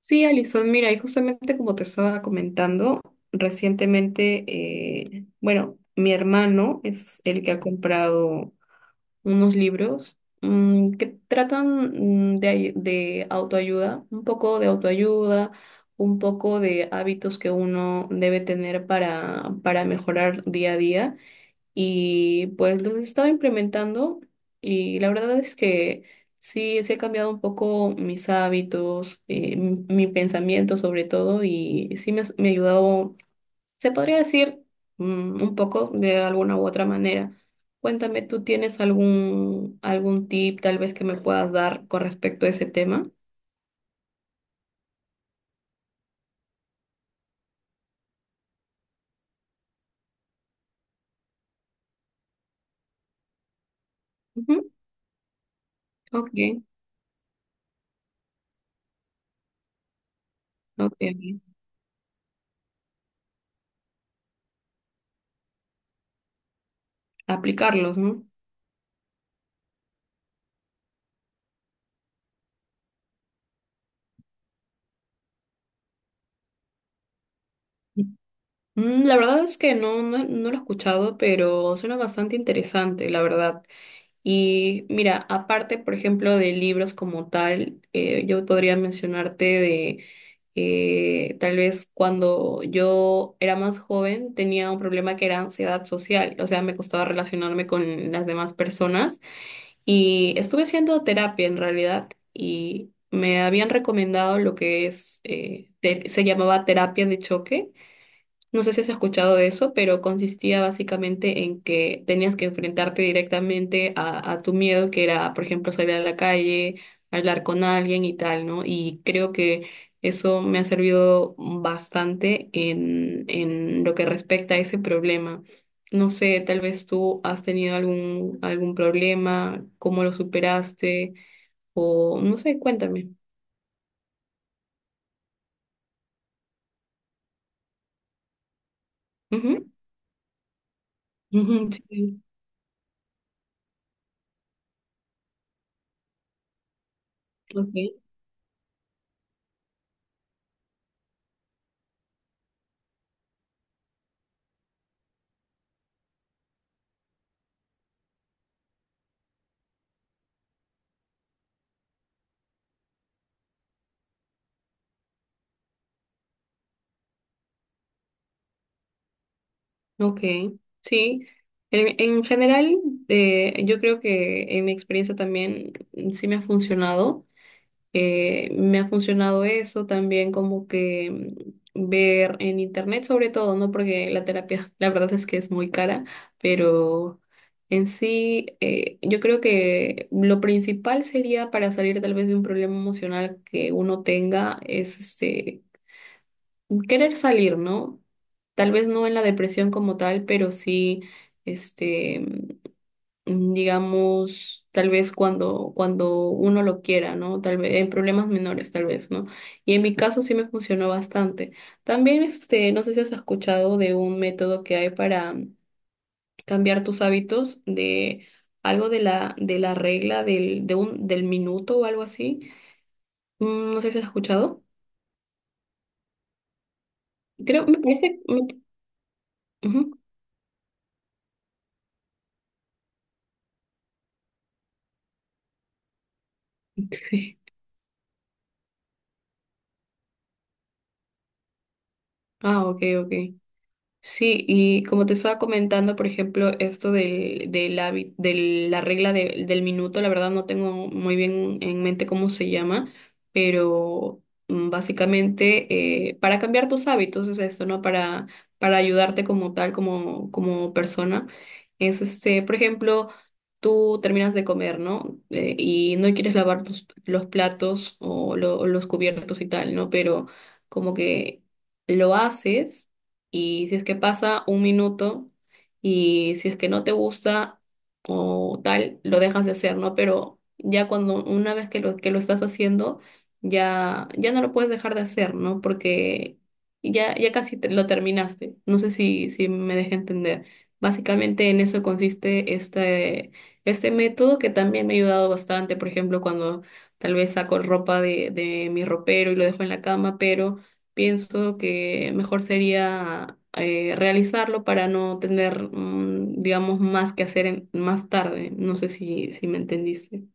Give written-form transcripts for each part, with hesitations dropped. Sí, Alison, mira, y justamente como te estaba comentando, recientemente, bueno, mi hermano es el que ha comprado unos libros que tratan de autoayuda, un poco de autoayuda, un poco de hábitos que uno debe tener para mejorar día a día. Y pues los he estado implementando y la verdad es que sí, sí he cambiado un poco mis hábitos, mi pensamiento sobre todo y sí me ha ayudado, se podría decir un poco de alguna u otra manera. Cuéntame, ¿tú tienes algún tip tal vez que me puedas dar con respecto a ese tema? Ujú. Ok, ok, ok. Aplicarlos, ¿no? La verdad es que no lo he escuchado, pero suena bastante interesante, la verdad. Y mira, aparte, por ejemplo, de libros como tal, yo podría mencionarte de tal vez cuando yo era más joven tenía un problema que era ansiedad social, o sea, me costaba relacionarme con las demás personas y estuve haciendo terapia en realidad y me habían recomendado lo que es, se llamaba terapia de choque, no sé si has escuchado de eso, pero consistía básicamente en que tenías que enfrentarte directamente a tu miedo, que era, por ejemplo, salir a la calle, hablar con alguien y tal, ¿no? Y creo que eso me ha servido bastante en lo que respecta a ese problema. No sé, tal vez tú has tenido algún problema, cómo lo superaste, o no sé, cuéntame. Ujú. Ujú. Sí, ok. Ok, sí. En general, yo creo que en mi experiencia también sí me ha funcionado. Me ha funcionado eso también como que ver en internet sobre todo, ¿no? Porque la terapia, la verdad es que es muy cara, pero en sí, yo creo que lo principal sería para salir tal vez de un problema emocional que uno tenga es este querer salir, ¿no? Tal vez no en la depresión como tal, pero sí, este, digamos, tal vez cuando uno lo quiera, ¿no? Tal vez en problemas menores, tal vez, ¿no? Y en mi caso sí me funcionó bastante. También, este, no sé si has escuchado de un método que hay para cambiar tus hábitos de algo de la regla del minuto o algo así. No sé si has escuchado. Creo, me parece, me- ujú. Ah, ok, ok. Sí, y como te estaba comentando, por ejemplo, esto de la regla del minuto, la verdad no tengo muy bien en mente cómo se llama, pero básicamente para cambiar tus hábitos es esto, ¿no? Para ayudarte como tal, como, como persona. Es este, por ejemplo, tú terminas de comer, ¿no? Y no quieres lavar los platos o los cubiertos y tal, ¿no? Pero como que lo haces y si es que pasa un minuto y si es que no te gusta o tal, lo dejas de hacer, ¿no? Pero ya cuando una vez que que lo estás haciendo, ya, ya no lo puedes dejar de hacer, ¿no? Porque ya casi lo terminaste. No sé si, si me dejé entender. Básicamente en eso consiste este método que también me ha ayudado bastante. Por ejemplo, cuando tal vez saco ropa de mi ropero y lo dejo en la cama, pero pienso que mejor sería realizarlo para no tener, digamos, más que hacer más tarde. No sé si, si me entendiste.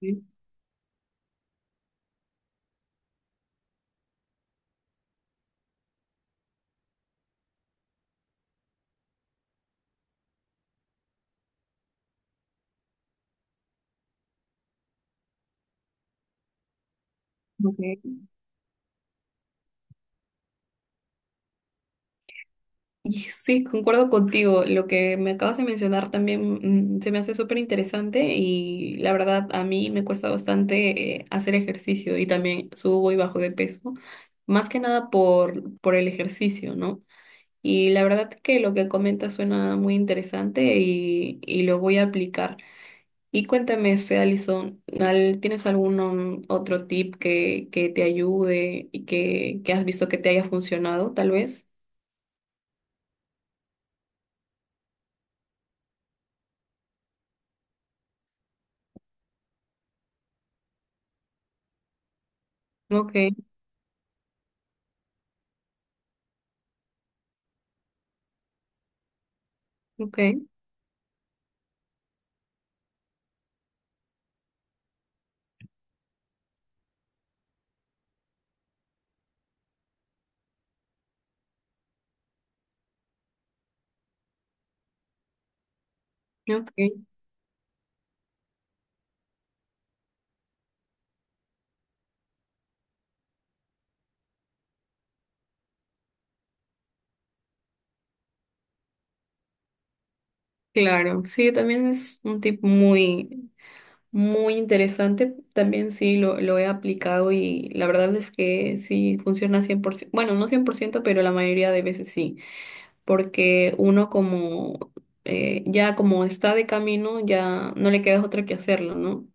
Sí, ok. Y sí, concuerdo contigo. Lo que me acabas de mencionar también se me hace súper interesante y la verdad a mí me cuesta bastante hacer ejercicio y también subo y bajo de peso, más que nada por el ejercicio, ¿no? Y la verdad que lo que comentas suena muy interesante y lo voy a aplicar. Y cuéntame, este, Alison, ¿tienes algún otro tip que te ayude y que has visto que te haya funcionado, tal vez? Ok, ok, ok. Claro, sí, también es un tip muy interesante. También sí lo he aplicado y la verdad es que sí funciona 100%. Bueno, no 100% pero la mayoría de veces sí. Porque uno como, ya como está de camino, ya no le queda otra que hacerlo, ¿no?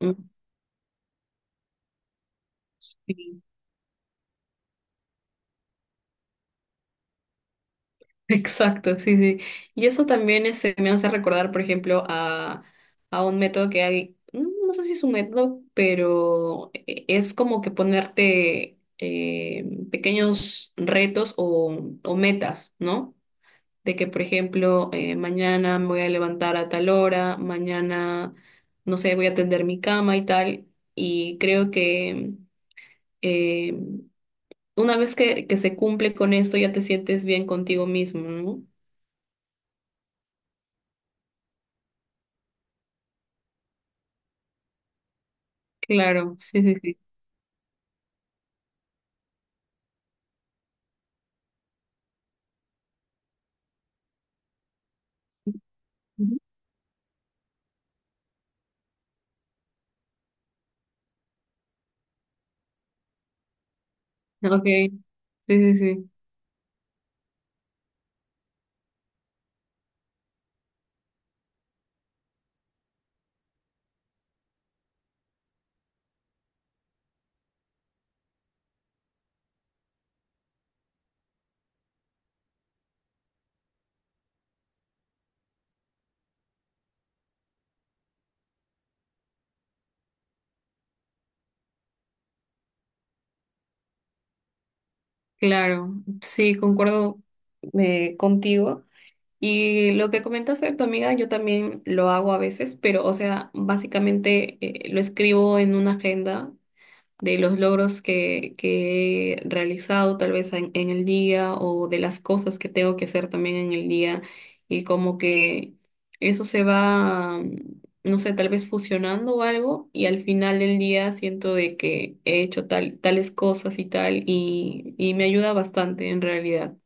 Mm. Exacto, sí, sí. Y eso también este, me hace recordar, por ejemplo, a un método que hay, no sé si es un método, pero es como que ponerte pequeños retos o metas, ¿no? De que, por ejemplo, mañana me voy a levantar a tal hora, mañana, no sé, voy a tender mi cama y tal. Y creo que eh, una vez que se cumple con esto, ya te sientes bien contigo mismo, ¿no? Claro, sí, sí, sí. Ujú. Ok, sí, sí, sí, claro, sí, concuerdo contigo. Y lo que comentaste de tu amiga, yo también lo hago a veces, pero, o sea, básicamente lo escribo en una agenda de los logros que he realizado tal vez en el día o de las cosas que tengo que hacer también en el día y como que eso se va, no sé, tal vez fusionando o algo y al final del día siento de que he hecho tales cosas y tal y me ayuda bastante en realidad.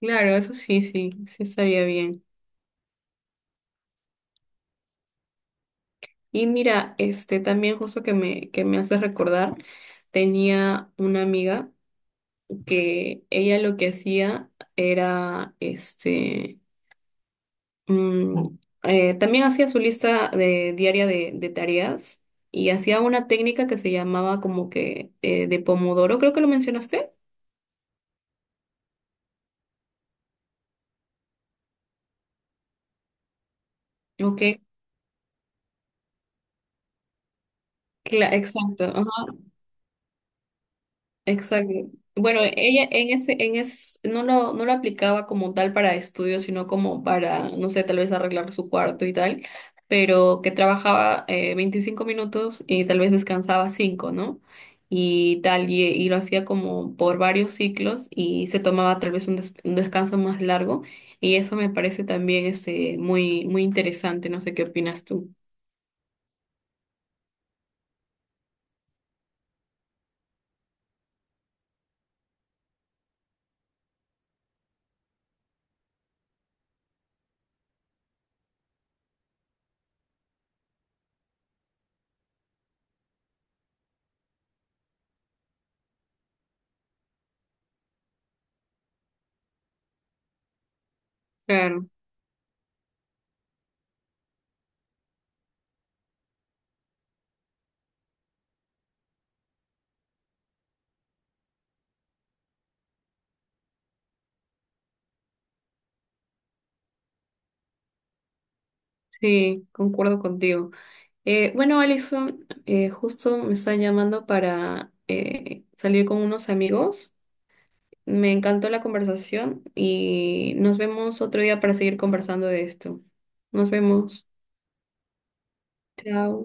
Claro, eso sí, sí, sí estaría bien. Y mira, este también justo que me hace recordar, tenía una amiga que ella lo que hacía era, este, mm, también hacía su lista diaria de tareas y hacía una técnica que se llamaba como que de Pomodoro, creo que lo mencionaste. Ok, exacto. Exacto. Bueno, ella en ese, no lo aplicaba como tal para estudios, sino como para, no sé, tal vez arreglar su cuarto y tal, pero que trabajaba 25 minutos y tal vez descansaba 5, ¿no? Y tal, y lo hacía como por varios ciclos y se tomaba tal vez un, un descanso más largo y eso me parece también este, muy interesante, no sé qué opinas tú. Claro, sí, concuerdo contigo. Bueno, Alison, justo me están llamando para salir con unos amigos. Me encantó la conversación y nos vemos otro día para seguir conversando de esto. Nos vemos. Chao.